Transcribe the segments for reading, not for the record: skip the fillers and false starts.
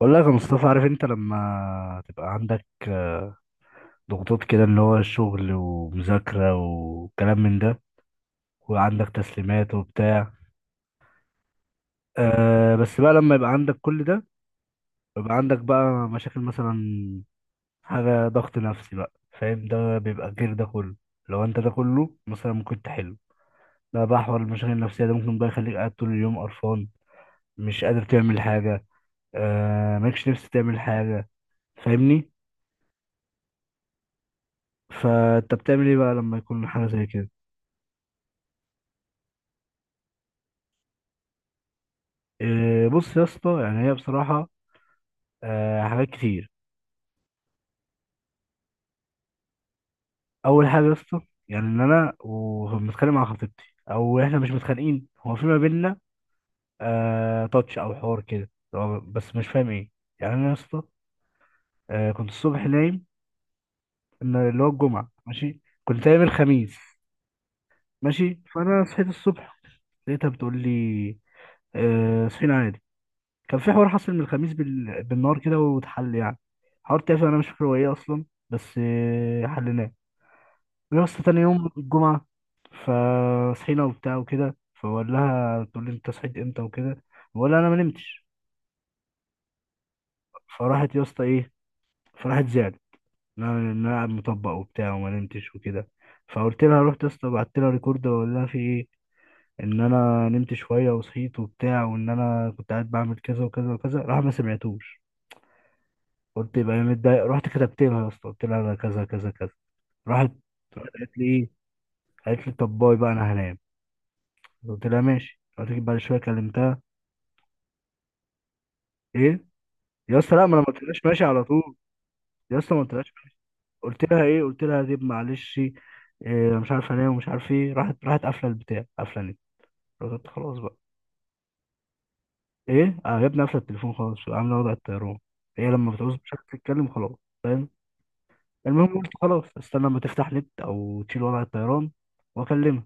بقول لك يا مصطفى. عارف انت لما تبقى عندك ضغوطات كده، اللي هو الشغل ومذاكرة وكلام من ده، وعندك تسليمات وبتاع. بس بقى لما يبقى عندك كل ده، يبقى عندك بقى مشاكل، مثلا حاجة ضغط نفسي بقى. فاهم؟ ده بيبقى غير ده كله. لو انت ده كله مثلا ممكن تحله، ده بقى حوار المشاكل النفسية. ده ممكن بقى يخليك قاعد طول اليوم قرفان، مش قادر تعمل حاجة، مالكش نفس تعمل حاجة. فاهمني؟ فانت بتعمل ايه بقى لما يكون حاجة زي كده؟ إيه، بص يا اسطى. يعني هي بصراحة حاجات كتير. أول حاجة يا اسطى، يعني إن أنا ومتخانق مع خطيبتي، أو إحنا مش متخانقين، هو في ما بينا تاتش أو حوار كده. هو بس مش فاهم إيه. يعني أنا يا اسطى كنت الصبح نايم. إن اللي هو الجمعة ماشي، كنت نايم الخميس ماشي. فأنا صحيت الصبح، لقيتها بتقول لي صحينا عادي. كان في حوار حصل من الخميس بالنهار كده، واتحل يعني. حوار تافه، أنا مش فاكر هو إيه أصلا، بس حلناه يا اسطى تاني يوم الجمعة. فصحينا وبتاع وكده. فبقول لها، تقول لي انت صحيت امتى وكده. بقول لها انا ما نمتش. فراحت يا اسطى ايه، فراحت زعلت، ان انا إن أنا قاعد مطبق وبتاع وما نمتش وكده. فقلت لها، رحت يا اسطى بعت لها ريكورد، بقول لها في ايه، ان انا نمت شوية وصحيت وبتاع، وان انا كنت قاعد بعمل كذا وكذا وكذا. راح ما سمعتوش. قلت يبقى هي متضايقة، رحت كتبت لها يا اسطى، قلت لها انا كذا كذا كذا. راحت راحت قالت لي ايه، قالت لي طب باي بقى انا هنام. قلت لها ماشي. قلت لك بعد شوية كلمتها. ايه يا اسطى، لا ما انا، ما قلتلهاش ماشي على طول. يا اسطى ما قلتلهاش ماشي. قلت لها ايه، قلت لها دي معلش إيه، مش عارف انام ومش عارف ايه. راحت قافله البتاع، قافله النت. قلت خلاص بقى. ايه اه يا ابني، قافله التليفون خالص، عامله وضع الطيران. هي لما بتعوز مش عارف تتكلم، خلاص. فاهم؟ المهم، قلت خلاص استنى لما تفتح نت او تشيل وضع الطيران واكلمها.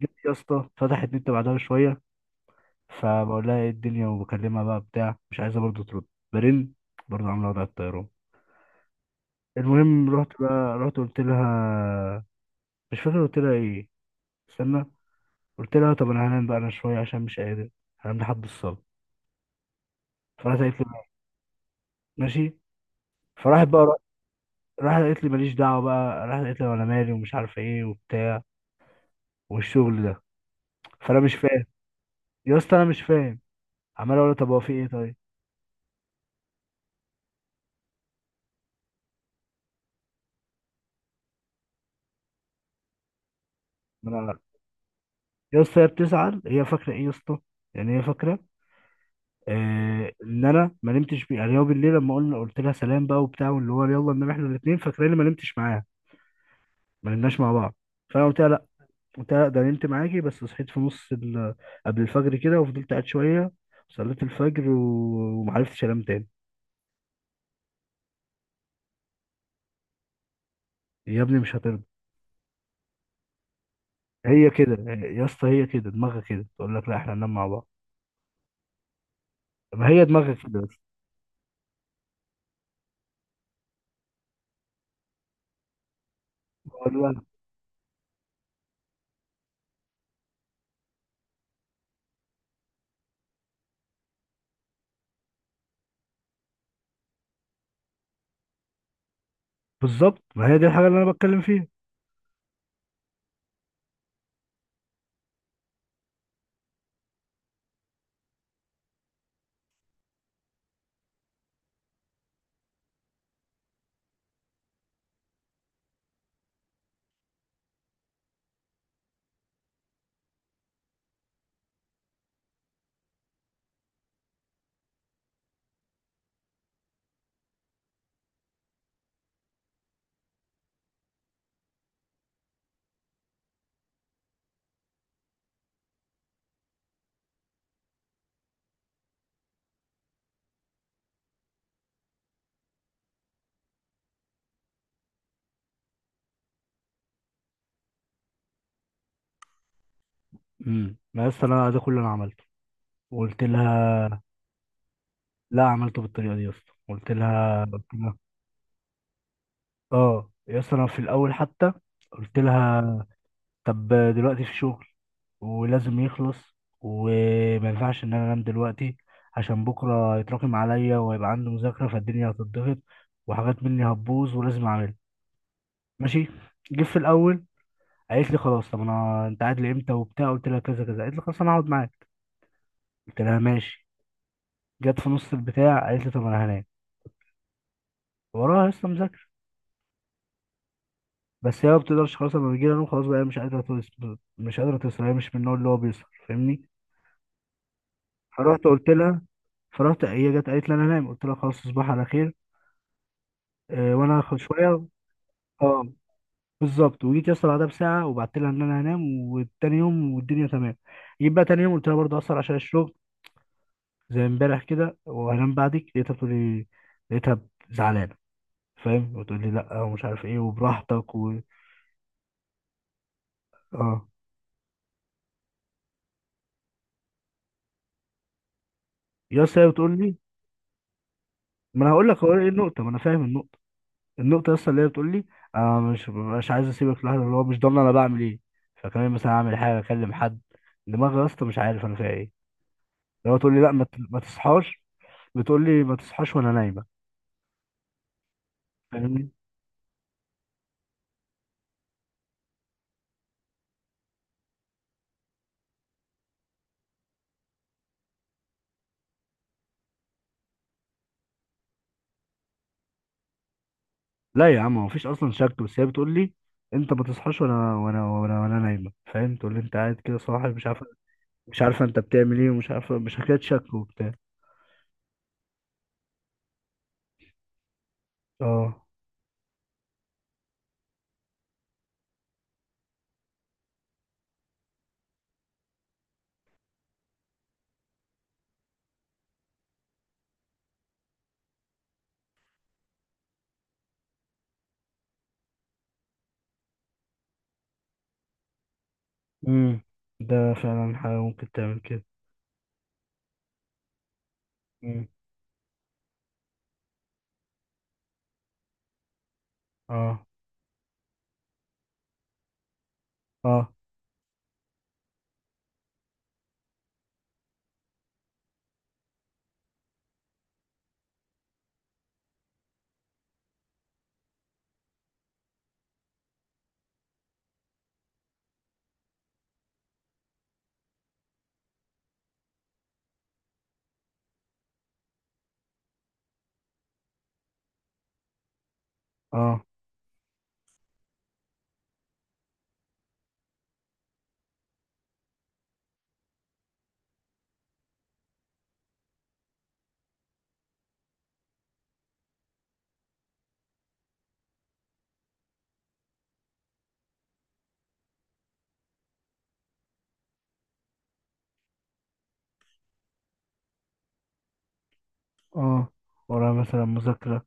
جيت يا اسطى فتحت نت بعدها بشويه، فبقول لها ايه الدنيا وبكلمها بقى بتاع، مش عايزه برضه ترد. برن، برضه عامله وضع الطيران. المهم، رحت بقى، رحت قلت لها، مش فاكر قلت لها ايه. استنى، قلت لها طب انا هنام بقى انا شويه عشان مش قادر. هنام لحد الصلاه. فراحت قالت لي ماشي. فراحت بقى، راحت قالت لي ماليش دعوه بقى. راحت قالت لي وانا مالي ومش عارف ايه وبتاع، والشغل ده. فانا مش فاهم. يا اسطى انا مش فاهم، عمال اقول لها طب هو في ايه طيب. ما انا عارف يا اسطى، هي بتزعل، هي فاكره ايه يا اسطى؟ يعني هي فاكره ان انا ما نمتش بيه. يعني هو بالليل لما قلنا، قلت لها سلام بقى وبتاع واللي هو يلا ننام احنا الاثنين، فاكراني ما نمتش معاها. ما نمناش مع بعض. فانا قلت لها لا، قلت لها لا ده نمت معاكي، بس صحيت في قبل الفجر كده، وفضلت قاعد شويه. صليت الفجر ومعرفتش انام تاني. يا ابني مش هترضى. هي كده يا اسطى، هي كده، دماغها كده، تقول لك لا احنا هننام مع بعض. ما هي دماغها كده بس. بقول لها بالظبط، ما هي دي الحاجه اللي انا بتكلم فيها. ما يا اسطى انا ده كل اللي انا عملته وقلت لها. لا عملته بالطريقه دي يا اسطى، قلت لها. اه يا اسطى انا في الاول حتى قلت لها، طب دلوقتي في شغل ولازم يخلص، وما ينفعش ان انا انام دلوقتي، عشان بكره يتراكم عليا ويبقى عندي مذاكره، فالدنيا هتضغط وحاجات مني هتبوظ ولازم اعملها. ماشي. جه في الاول قالت لي خلاص، طب انا انت قاعد لامتى وبتاع، قلت لها كذا كذا. قالت لي خلاص انا هقعد معاك، قلت لها ماشي. جت في نص البتاع قالت لي طب انا هنام. وراها لسه مذاكره. بس هي ما بتقدرش خلاص، لما بيجي لها نوم خلاص بقى، هي مش قادره توصل، مش قادره توصل، هي مش من النوع اللي هو بيسهر. فاهمني؟ فرحت قلت لها فرحت هي جت قالت لي انا نايم، قلت لها خلاص تصبح على خير وانا هاخد شويه. اه، بالظبط. وجيت يا اسطى بعدها بساعه وبعت لها ان انا هنام، والتاني يوم والدنيا تمام. جيت بقى تاني يوم قلت لها برضه اصلا عشان الشغل، زي امبارح كده، وهنام بعدك. لقيتها بتقول لي، لقيتها زعلانه، فاهم، وتقول لي لا ومش عارف ايه وبراحتك. اه يا اسطى، هي بتقول لي. ما انا هقول لك هو ايه النقطه، ما انا فاهم النقطه. النقطة أصلا اللي هي بتقول لي، أنا مش عايز أسيبك لوحدك، اللي هو مش ضامن أنا بعمل إيه. فكمان مثلا أعمل حاجة، أكلم حد. دماغي يا اسطى مش عارف أنا فيها إيه. اللي هو تقول لي لأ، ما تصحاش. بتقول لي ما تصحاش وأنا نايمة، فاهمني؟ لا يا عم، هو مفيش أصلا شك. بس هي بتقول لي أنت ما تصحاش وأنا وأنا وأنا وأنا نايمة، فاهم؟ تقول لي أنت قاعد كده صاحي، مش عارف، مش عارفة أنت بتعمل إيه، ومش عارفة، مش حكاية شك وبتاع. أه. أمم ده فعلا حاجة ممكن تعمل كده. أمم أه، أه، أه، اه، ورايا مثلا مذاكرة.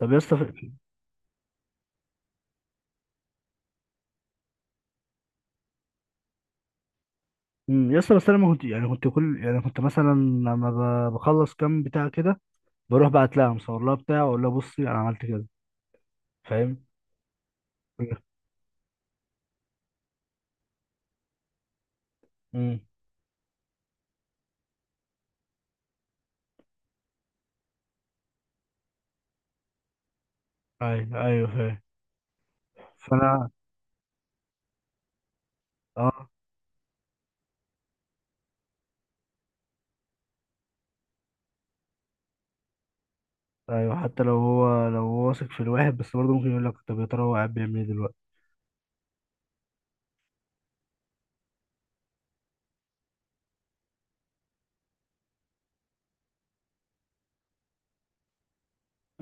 طب يا اسطى يا اسطى بس انا ما كنت يعني كنت كل يعني كنت مثلا لما بخلص كام بتاع كده، بروح بعت لها، مصور لها بتاع، واقول لها بصي انا عملت كده. فاهم؟ امم ايوه، ايوه، فاهم. فانا. اه، ايوه، حتى لو هو واثق في الواحد، بس برضه ممكن يقول لك طب يا ترى هو قاعد بيعمل ايه دلوقتي؟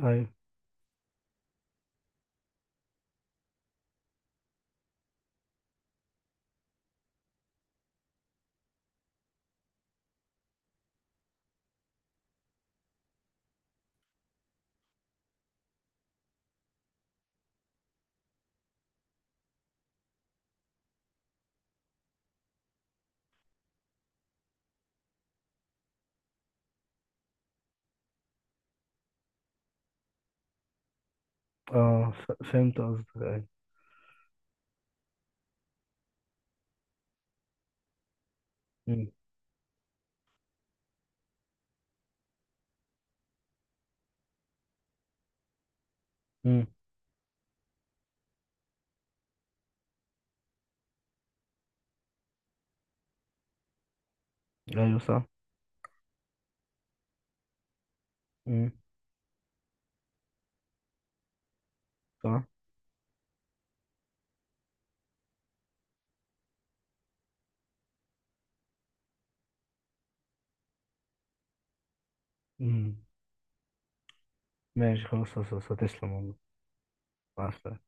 ايوه، اه، فهمت قصدك. ايوه. امم امم ايوه صح. امم صح. امم ماشي، خلاص، خلاص، خلاص، تسلم والله. مع السلامة.